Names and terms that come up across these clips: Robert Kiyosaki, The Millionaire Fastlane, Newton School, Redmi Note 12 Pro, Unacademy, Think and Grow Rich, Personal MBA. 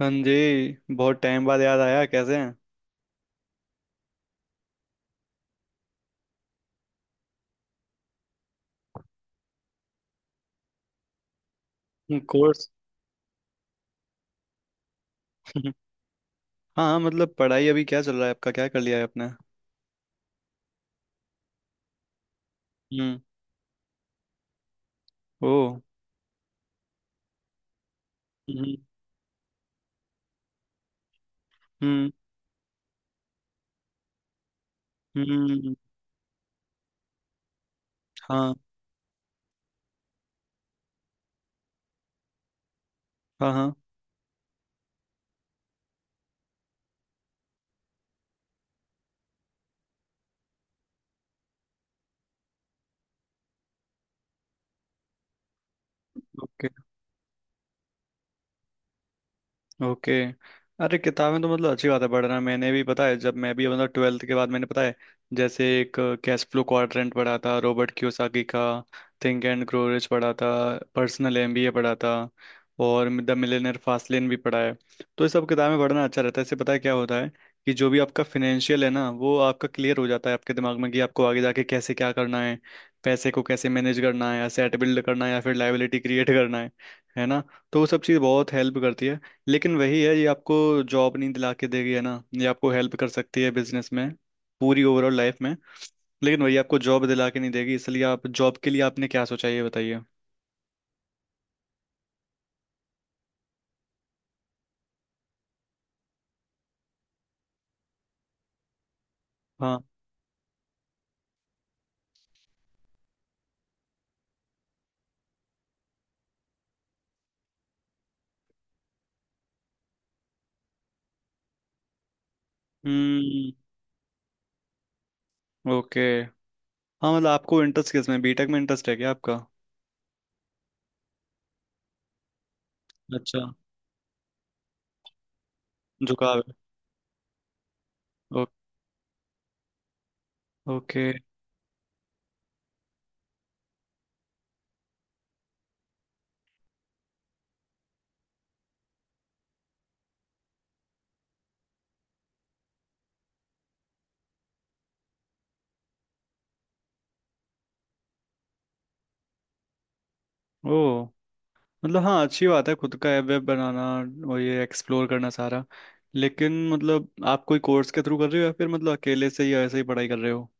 हाँ जी, बहुत टाइम बाद याद आया। कैसे हैं? कोर्स? हाँ हाँ, मतलब पढ़ाई अभी क्या चल रहा है आपका? क्या कर लिया है आपने? हम्म। ओ। हम्म। हम्म। हम्म। हाँ हाँ। हाँ। ओके। ओके। अरे, किताबें तो मतलब अच्छी बात है पढ़ना। मैंने भी, पता है, जब मैं भी मतलब ट्वेल्थ के बाद, मैंने, पता है, जैसे एक कैश फ्लो क्वाड्रेंट पढ़ा था रॉबर्ट कियोसाकी का। थिंक एंड ग्रो रिच पढ़ा था। पर्सनल एमबीए पढ़ा था। और द मिलियनेयर फास्ट लेन भी पढ़ा है। तो ये सब किताबें पढ़ना अच्छा रहता है। इससे पता है क्या होता है, कि जो भी आपका फिनेंशियल है ना, वो आपका क्लियर हो जाता है आपके दिमाग में, कि आपको आगे जाके कैसे क्या करना है। पैसे को कैसे मैनेज करना है, एसेट बिल्ड करना है या फिर लायबिलिटी क्रिएट करना है। है ना? तो वो सब चीज़ बहुत हेल्प करती है। लेकिन वही है, ये आपको जॉब नहीं दिला के देगी। है ना? ये आपको हेल्प कर सकती है बिजनेस में, पूरी ओवरऑल लाइफ में। लेकिन वही आपको जॉब दिला के नहीं देगी, इसलिए आप जॉब के लिए, आपने क्या सोचा है, ये बताइए। हाँ। हम्म। ओके। हाँ, मतलब आपको इंटरेस्ट किस में? बीटेक में इंटरेस्ट है क्या आपका? अच्छा। झुकाव है। ओ, ओके। ओ, मतलब हाँ, अच्छी बात है खुद का ऐप वेब बनाना और ये एक्सप्लोर करना सारा। लेकिन मतलब आप कोई कोर्स के थ्रू कर रहे हो या फिर मतलब अकेले से ही ऐसे ही पढ़ाई कर रहे हो?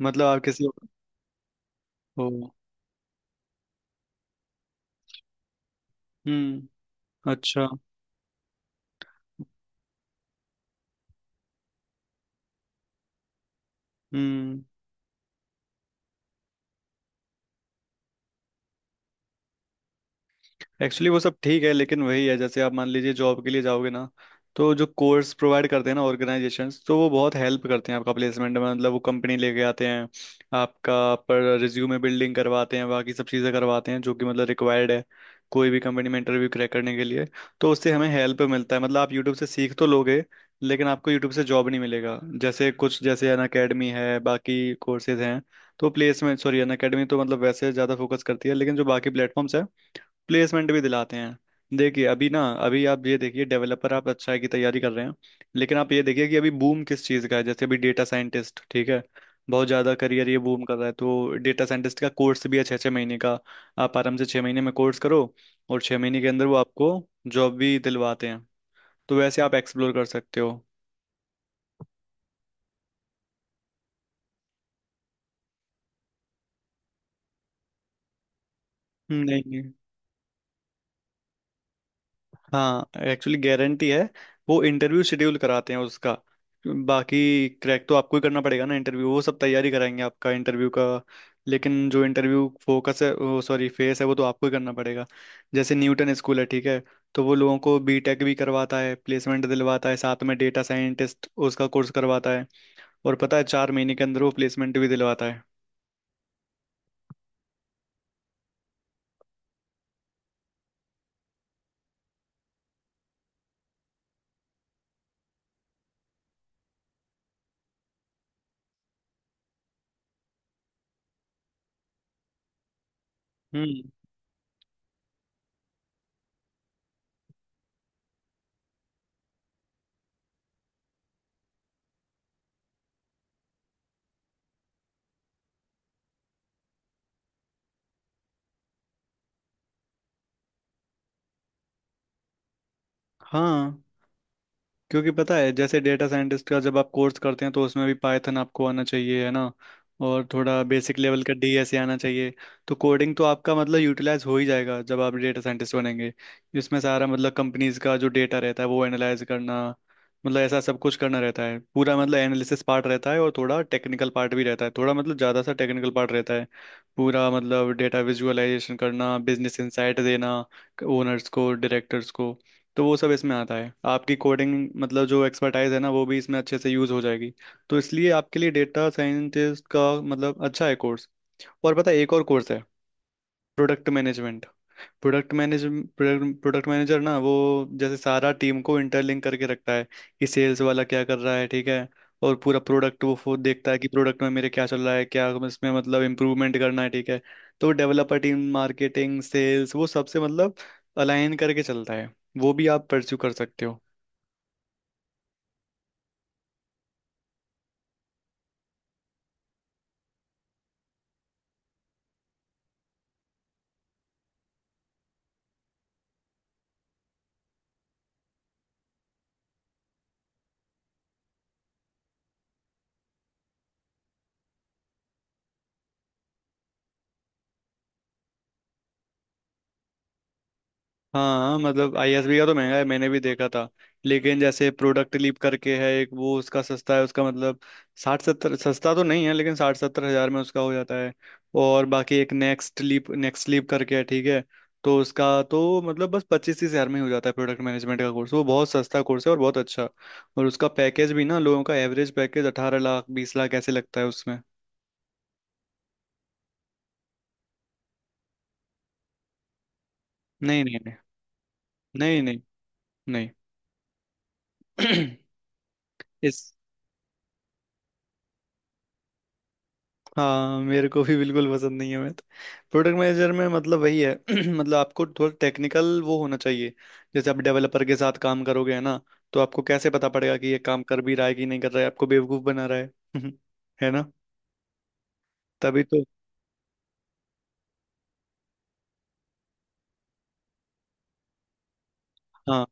मतलब आप किसी। ओ। हम्म। अच्छा। हम्म। एक्चुअली वो सब ठीक है, लेकिन वही है, जैसे आप मान लीजिए जॉब के लिए जाओगे ना, तो जो कोर्स प्रोवाइड करते हैं ना ऑर्गेनाइजेशंस, तो वो बहुत हेल्प करते हैं आपका प्लेसमेंट में। मतलब वो कंपनी लेके आते हैं, आपका पर रिज्यूमे बिल्डिंग करवाते हैं, बाकी सब चीज़ें करवाते हैं जो कि मतलब रिक्वायर्ड है कोई भी कंपनी में इंटरव्यू क्रैक करने के लिए। तो उससे हमें हेल्प मिलता है। मतलब आप यूट्यूब से सीख तो लोगे, लेकिन आपको यूट्यूब से जॉब नहीं मिलेगा। जैसे कुछ, जैसे अन अकेडमी है, बाकी कोर्सेज हैं। तो प्लेसमेंट, सॉरी, अन अकेडमी तो मतलब वैसे ज़्यादा फोकस करती है, लेकिन जो बाकी प्लेटफॉर्म्स प्लेसमेंट भी दिलाते हैं। देखिए, अभी ना, अभी आप ये देखिए, डेवलपर आप अच्छा है की तैयारी कर रहे हैं, लेकिन आप ये देखिए कि अभी बूम किस चीज़ का है। जैसे अभी डेटा साइंटिस्ट, ठीक है। बहुत ज़्यादा करियर ये बूम कर रहा है। तो डेटा साइंटिस्ट का कोर्स भी है, छः छः महीने का। आप आराम से 6 महीने में कोर्स करो, और 6 महीने के अंदर वो आपको जॉब भी दिलवाते हैं। तो वैसे आप एक्सप्लोर कर सकते हो। नहीं नहीं। हाँ, एक्चुअली गारंटी है। वो इंटरव्यू शेड्यूल कराते हैं उसका। बाकी क्रैक तो आपको ही करना पड़ेगा ना इंटरव्यू। वो सब तैयारी कराएंगे आपका इंटरव्यू का, लेकिन जो इंटरव्यू फोकस है वो, सॉरी, फेस है वो, तो आपको ही करना पड़ेगा। जैसे न्यूटन स्कूल है, ठीक है। तो वो लोगों को बीटेक भी करवाता है, प्लेसमेंट दिलवाता है, साथ में डेटा साइंटिस्ट उसका कोर्स करवाता है। और पता है 4 महीने के अंदर वो प्लेसमेंट भी दिलवाता है। हम्म। हाँ, क्योंकि पता है जैसे डेटा साइंटिस्ट का जब आप कोर्स करते हैं, तो उसमें भी पाइथन आपको आना चाहिए, है ना? और थोड़ा बेसिक लेवल का डीएसए आना चाहिए। तो कोडिंग तो आपका मतलब यूटिलाइज हो ही जाएगा जब आप डेटा साइंटिस्ट बनेंगे। इसमें सारा मतलब कंपनीज का जो डेटा रहता है वो एनालाइज करना, मतलब ऐसा सब कुछ करना रहता है। पूरा मतलब एनालिसिस पार्ट रहता है, और थोड़ा टेक्निकल पार्ट भी रहता है, थोड़ा मतलब ज़्यादा सा टेक्निकल पार्ट रहता है। पूरा मतलब डेटा विजुअलाइजेशन करना, बिजनेस इंसाइट देना ओनर्स को, डायरेक्टर्स को। तो वो सब इसमें आता है, आपकी कोडिंग मतलब जो एक्सपर्टाइज है ना, वो भी इसमें अच्छे से यूज हो जाएगी। तो इसलिए आपके लिए डेटा साइंटिस्ट का मतलब अच्छा है कोर्स। और पता है एक और कोर्स है, product management. Product manage product manager ना वो, जैसे सारा टीम को इंटरलिंक करके रखता है कि सेल्स वाला क्या कर रहा है, ठीक है। और पूरा प्रोडक्ट वो खुद देखता है कि प्रोडक्ट में मेरे क्या चल रहा है, क्या इसमें मतलब इम्प्रूवमेंट करना है, ठीक है। तो डेवलपर टीम, मार्केटिंग, सेल्स, वो सबसे मतलब अलाइन करके चलता है। वो भी आप परस्यू कर सकते हो। हाँ, मतलब आईएसबी का तो महंगा है, मैंने भी देखा था। लेकिन जैसे प्रोडक्ट लीप करके है एक, वो उसका सस्ता है, उसका मतलब 60-70 सस्ता तो नहीं है, लेकिन 60-70 हजार में उसका हो जाता है। और बाकी एक नेक्स्ट लीप करके है, ठीक है। तो उसका तो मतलब बस 25-30 हजार में ही हो जाता है प्रोडक्ट मैनेजमेंट का कोर्स। वो बहुत सस्ता कोर्स है और बहुत अच्छा। और उसका पैकेज भी ना लोगों का, एवरेज पैकेज 18 लाख 20 लाख ऐसे लगता है उसमें। नहीं नहीं नहीं। नहीं नहीं नहीं। इस हाँ, मेरे को भी बिल्कुल पसंद नहीं है मैथ। प्रोडक्ट मैनेजर में मतलब वही है, मतलब आपको थोड़ा टेक्निकल वो होना चाहिए। जैसे आप डेवलपर के साथ काम करोगे, है ना? तो आपको कैसे पता पड़ेगा कि ये काम कर भी रहा है कि नहीं कर रहा है, आपको बेवकूफ बना रहा है। है ना? तभी तो। हाँ।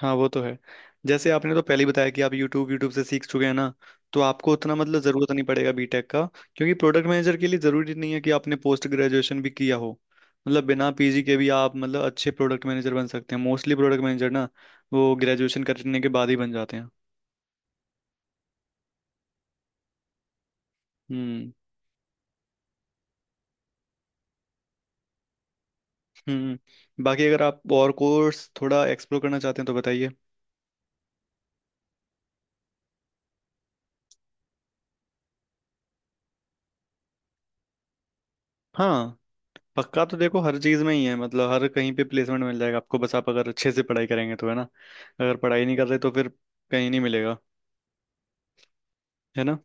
हाँ वो तो है। जैसे आपने तो पहले ही बताया कि आप YouTube से सीख चुके हैं ना, तो आपको उतना मतलब ज़रूरत नहीं पड़ेगा बीटेक का। क्योंकि प्रोडक्ट मैनेजर के लिए ज़रूरी नहीं है कि आपने पोस्ट ग्रेजुएशन भी किया हो, मतलब बिना पीजी के भी आप मतलब अच्छे प्रोडक्ट मैनेजर बन सकते हैं। मोस्टली प्रोडक्ट मैनेजर ना वो ग्रेजुएशन करने के बाद ही बन जाते हैं। हम्म। हम्म, बाकी अगर आप और कोर्स थोड़ा एक्सप्लोर करना चाहते हैं तो बताइए। हाँ, पक्का तो देखो हर चीज में ही है, मतलब हर कहीं पे प्लेसमेंट मिल जाएगा आपको, बस आप अगर अच्छे से पढ़ाई करेंगे तो, है ना? अगर पढ़ाई नहीं कर रहे तो फिर कहीं नहीं मिलेगा, है ना?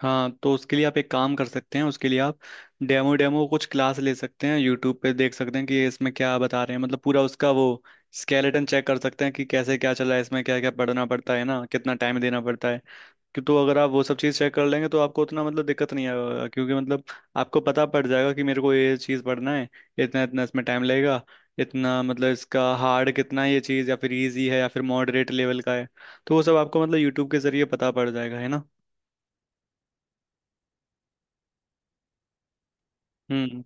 हाँ, तो उसके लिए आप एक काम कर सकते हैं, उसके लिए आप डेमो डेमो कुछ क्लास ले सकते हैं, यूट्यूब पे देख सकते हैं कि ये इसमें क्या बता रहे हैं। मतलब पूरा उसका वो स्केलेटन चेक कर सकते हैं, कि कैसे क्या चला है इसमें, क्या क्या पढ़ना पड़ता है ना, कितना टाइम देना पड़ता है। कि तो अगर आप वो सब चीज़ चेक कर लेंगे तो आपको उतना मतलब दिक्कत नहीं आएगा, क्योंकि मतलब आपको पता पड़ जाएगा कि मेरे को ये चीज़ पढ़ना है, इतना इतना इसमें टाइम लगेगा, इतना मतलब इसका हार्ड कितना है ये चीज़, या फिर इजी है या फिर मॉडरेट लेवल का है। तो वो सब आपको मतलब यूट्यूब के जरिए पता पड़ जाएगा, है ना? हम्म।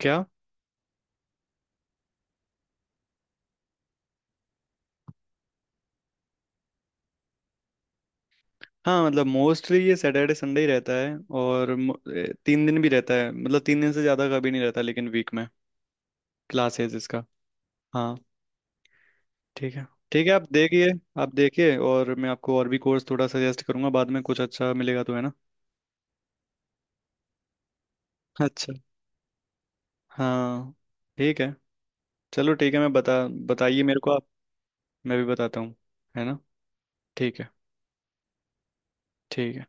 क्या? हाँ मतलब मोस्टली ये सैटरडे संडे ही रहता है, और 3 दिन भी रहता है, मतलब 3 दिन से ज़्यादा कभी नहीं रहता लेकिन वीक में, क्लासेस इसका। हाँ। ठीक है। ठीक है, आप देखिए। आप देखिए, और मैं आपको और भी कोर्स थोड़ा सजेस्ट करूंगा बाद में, कुछ अच्छा मिलेगा तो, है ना? अच्छा। हाँ। ठीक है। चलो ठीक है, मैं बताइए मेरे को आप, मैं भी बताता हूँ, है ना? ठीक है। ठीक है।